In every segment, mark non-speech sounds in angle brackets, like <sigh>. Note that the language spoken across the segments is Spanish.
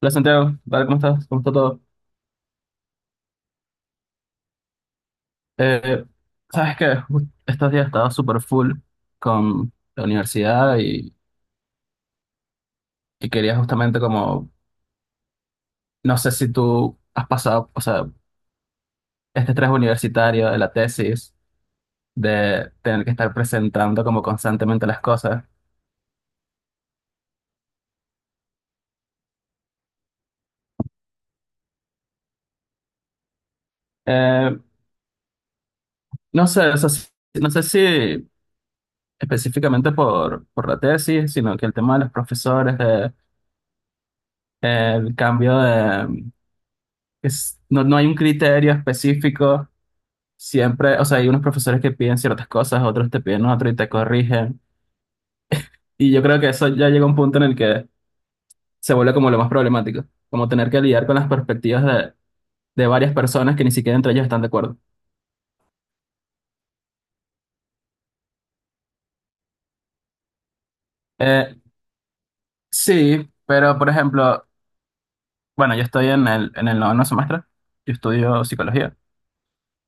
Hola Santiago, ¿qué ¿Cómo estás? ¿Cómo está todo? Eh, sabes que estos días estaba súper full con la universidad y quería justamente como, no sé si tú has pasado, o sea, este estrés universitario de la tesis, de tener que estar presentando como constantemente las cosas. Eh, no sé, o sea, no sé si específicamente por la tesis, sino que el tema de los profesores, de, el cambio de... no, no hay un criterio específico. Siempre, o sea, hay unos profesores que piden ciertas cosas, otros te piden otro y te corrigen. Y yo creo que eso ya llega a un punto en el que se vuelve como lo más problemático, como tener que lidiar con las perspectivas de varias personas que ni siquiera entre ellos están de acuerdo. Eh, sí, pero por ejemplo, bueno, yo estoy en el 9.º semestre, yo estudio psicología.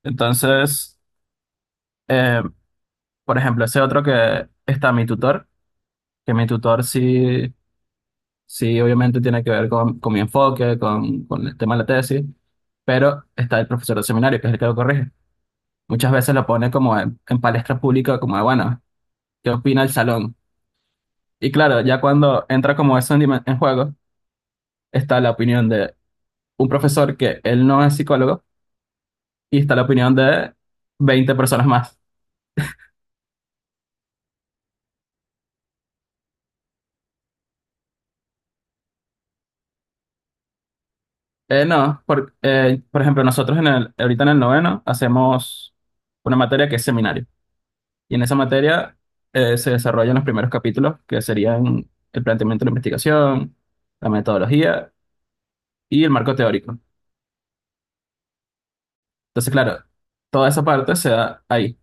Entonces, eh, por ejemplo, ese otro que está mi tutor, que mi tutor sí. Sí, obviamente tiene que ver con mi enfoque, con el tema de la tesis, pero está el profesor del seminario, que es el que lo corrige. Muchas veces lo pone como en palestra pública, como de, bueno, ¿qué opina el salón? Y claro, ya cuando entra como eso en, en juego, está la opinión de un profesor que él no es psicólogo y está la opinión de 20 personas más. No, por ejemplo, nosotros en el, ahorita en el noveno hacemos una materia que es seminario. Y en esa materia se desarrollan los primeros capítulos, que serían el planteamiento de la investigación, la metodología y el marco teórico. Entonces, claro, toda esa parte se da ahí.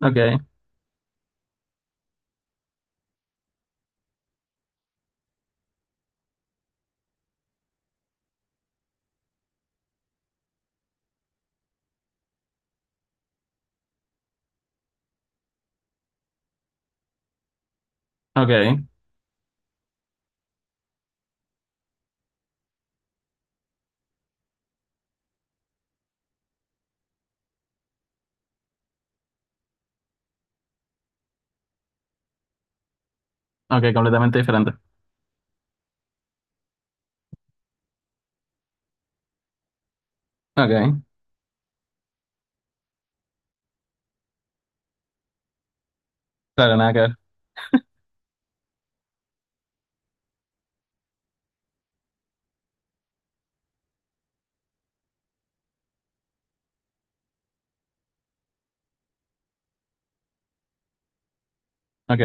Ok, ok, ok, completamente diferente. Ok, claro, nada que ver. Ok,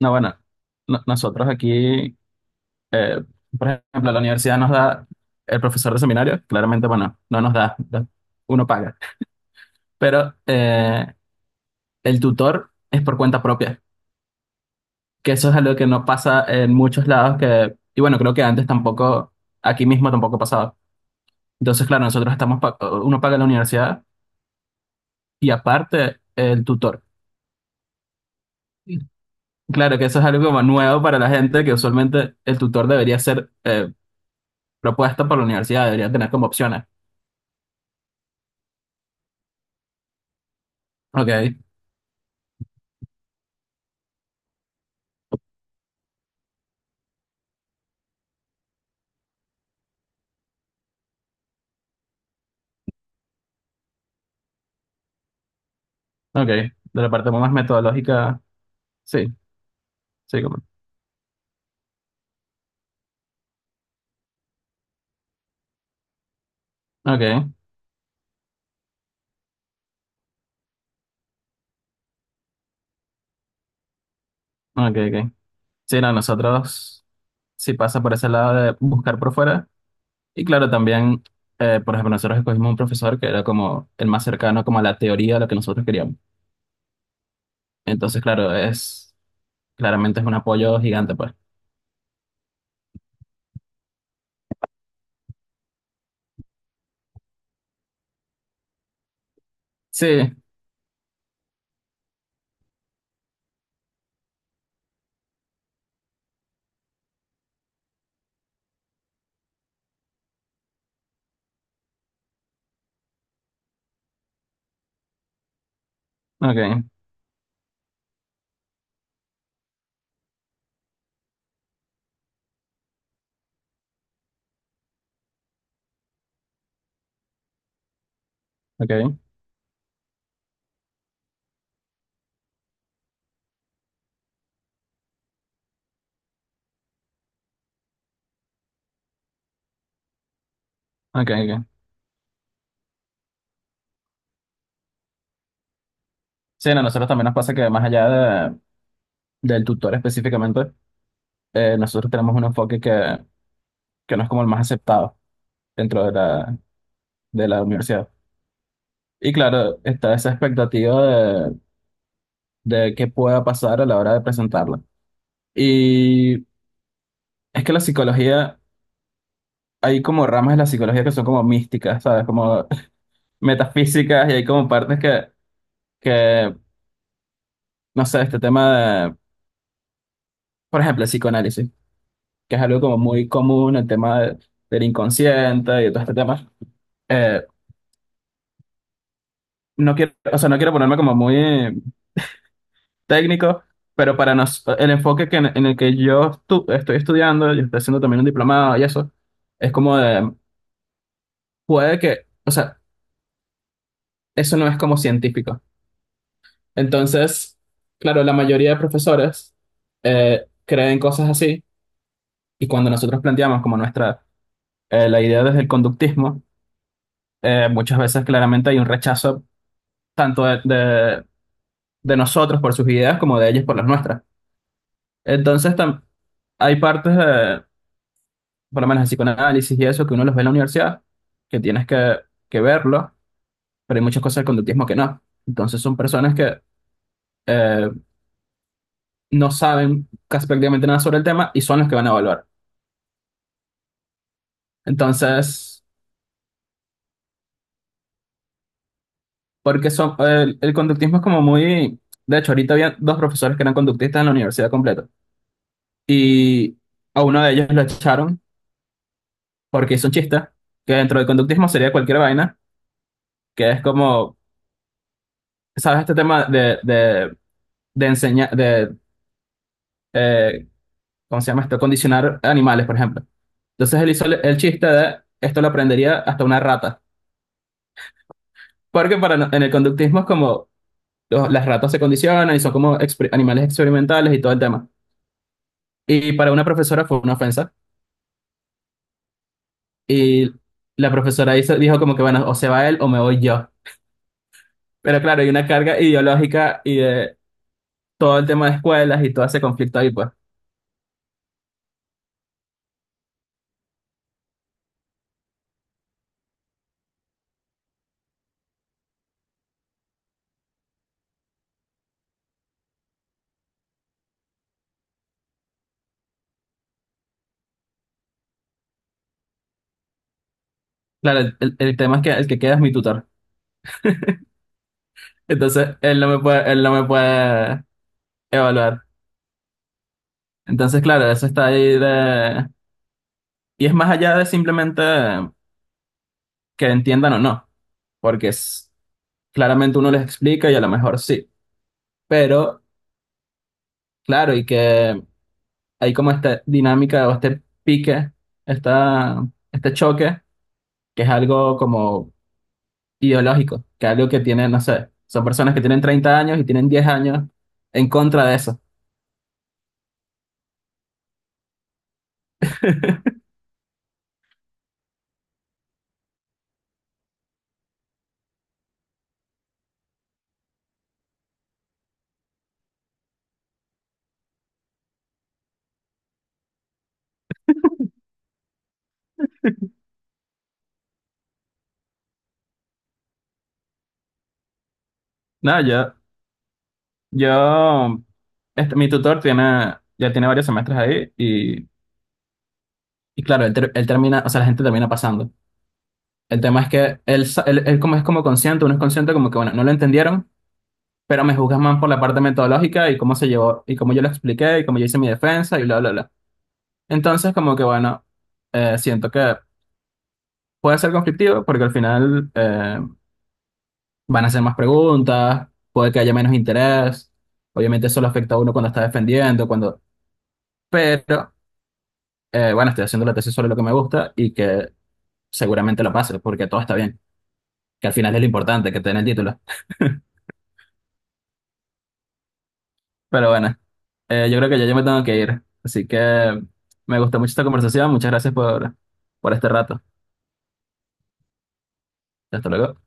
no, bueno, nosotros aquí, eh, por ejemplo, la universidad nos da el profesor de seminario, claramente, bueno, no nos da, uno paga, pero el tutor es por cuenta propia. Que eso es algo que no pasa en muchos lados que, y bueno, creo que antes tampoco, aquí mismo tampoco pasaba. Entonces, claro, nosotros estamos, uno paga la universidad y aparte el tutor. Claro que eso es algo como nuevo para la gente, que usualmente el tutor debería ser propuesto por la universidad, debería tener como opciones. Ok, ok. De la parte más metodológica, sí, sí, como. Ok, ok, ok. Sí, no, nosotros, sí pasa por ese lado de buscar por fuera. Y claro, también, por ejemplo, nosotros escogimos un profesor que era como el más cercano como a la teoría de lo que nosotros queríamos. Entonces, claro, es claramente es un apoyo gigante, pues. Sí, ok, ok, ok, ok. Sí, no, nosotros también nos pasa que más allá del tutor específicamente, nosotros tenemos un enfoque que no es como el más aceptado dentro de la universidad. Y claro, está esa expectativa de qué pueda pasar a la hora de presentarla. Y es que la psicología... hay como ramas de la psicología que son como místicas, ¿sabes? Como <laughs> metafísicas y hay como partes que no sé, este tema de, por ejemplo, el psicoanálisis, que es algo como muy común, el tema del inconsciente y todo este tema. Eh, no quiero, o sea, no quiero ponerme como muy técnico, pero para nos, el enfoque que en el que yo estoy estudiando, yo estoy haciendo también un diplomado y eso, es como de, puede que, o sea, eso no es como científico. Entonces, claro, la mayoría de profesores creen cosas así y cuando nosotros planteamos como nuestra, la idea desde el conductismo, muchas veces claramente hay un rechazo tanto de, de nosotros por sus ideas como de ellos por las nuestras. Entonces, hay partes, de, por lo menos en psicoanálisis y eso, que uno los ve en la universidad, que tienes que verlo, pero hay muchas cosas del conductismo que no. Entonces, son personas que eh, no saben casi prácticamente nada sobre el tema y son los que van a evaluar. Entonces, porque son, el conductismo es como muy... De hecho, ahorita había dos profesores que eran conductistas en la universidad completa. Y a uno de ellos lo echaron porque hizo un chiste, que dentro del conductismo sería cualquier vaina, que es como, ¿sabes? Este tema de enseñar, de, eh, ¿cómo se llama esto? Condicionar animales, por ejemplo. Entonces él hizo el chiste de, esto lo aprendería hasta una rata. Porque para, en el conductismo es como, las ratas se condicionan y son como animales experimentales y todo el tema. Y para una profesora fue una ofensa. Y la profesora hizo, dijo como que, bueno, o se va él o me voy yo. Pero claro, hay una carga ideológica y de todo el tema de escuelas y todo ese conflicto ahí, pues. Claro, el tema es que el que queda es mi tutor. Entonces, él no me puede evaluar. Entonces, claro, eso está ahí de... Y es más allá de simplemente que entiendan o no, porque es, claramente uno les explica y a lo mejor sí. Pero, claro, y que hay como esta dinámica o este pique, esta, este choque que es algo como ideológico, que es algo que tiene no sé, son personas que tienen 30 años y tienen 10 años en contra de eso. No, yo, este, mi tutor tiene, ya tiene varios semestres ahí y claro, él, él termina, o sea, la gente termina pasando. El tema es que él, él, él como es como consciente, uno es consciente como que, bueno, no lo entendieron, pero me juzgan más por la parte metodológica y cómo se llevó, y cómo yo lo expliqué y cómo yo hice mi defensa y bla, bla, bla. Entonces, como que, bueno, siento que puede ser conflictivo porque al final... van a hacer más preguntas, puede que haya menos interés. Obviamente eso lo afecta a uno cuando está defendiendo, cuando... Pero, bueno, estoy haciendo la tesis sobre lo que me gusta y que seguramente lo pase, porque todo está bien, que al final es lo importante, que te den el título. Pero bueno, yo creo que ya yo me tengo que ir. Así que me gustó mucho esta conversación. Muchas gracias por este rato. Hasta luego.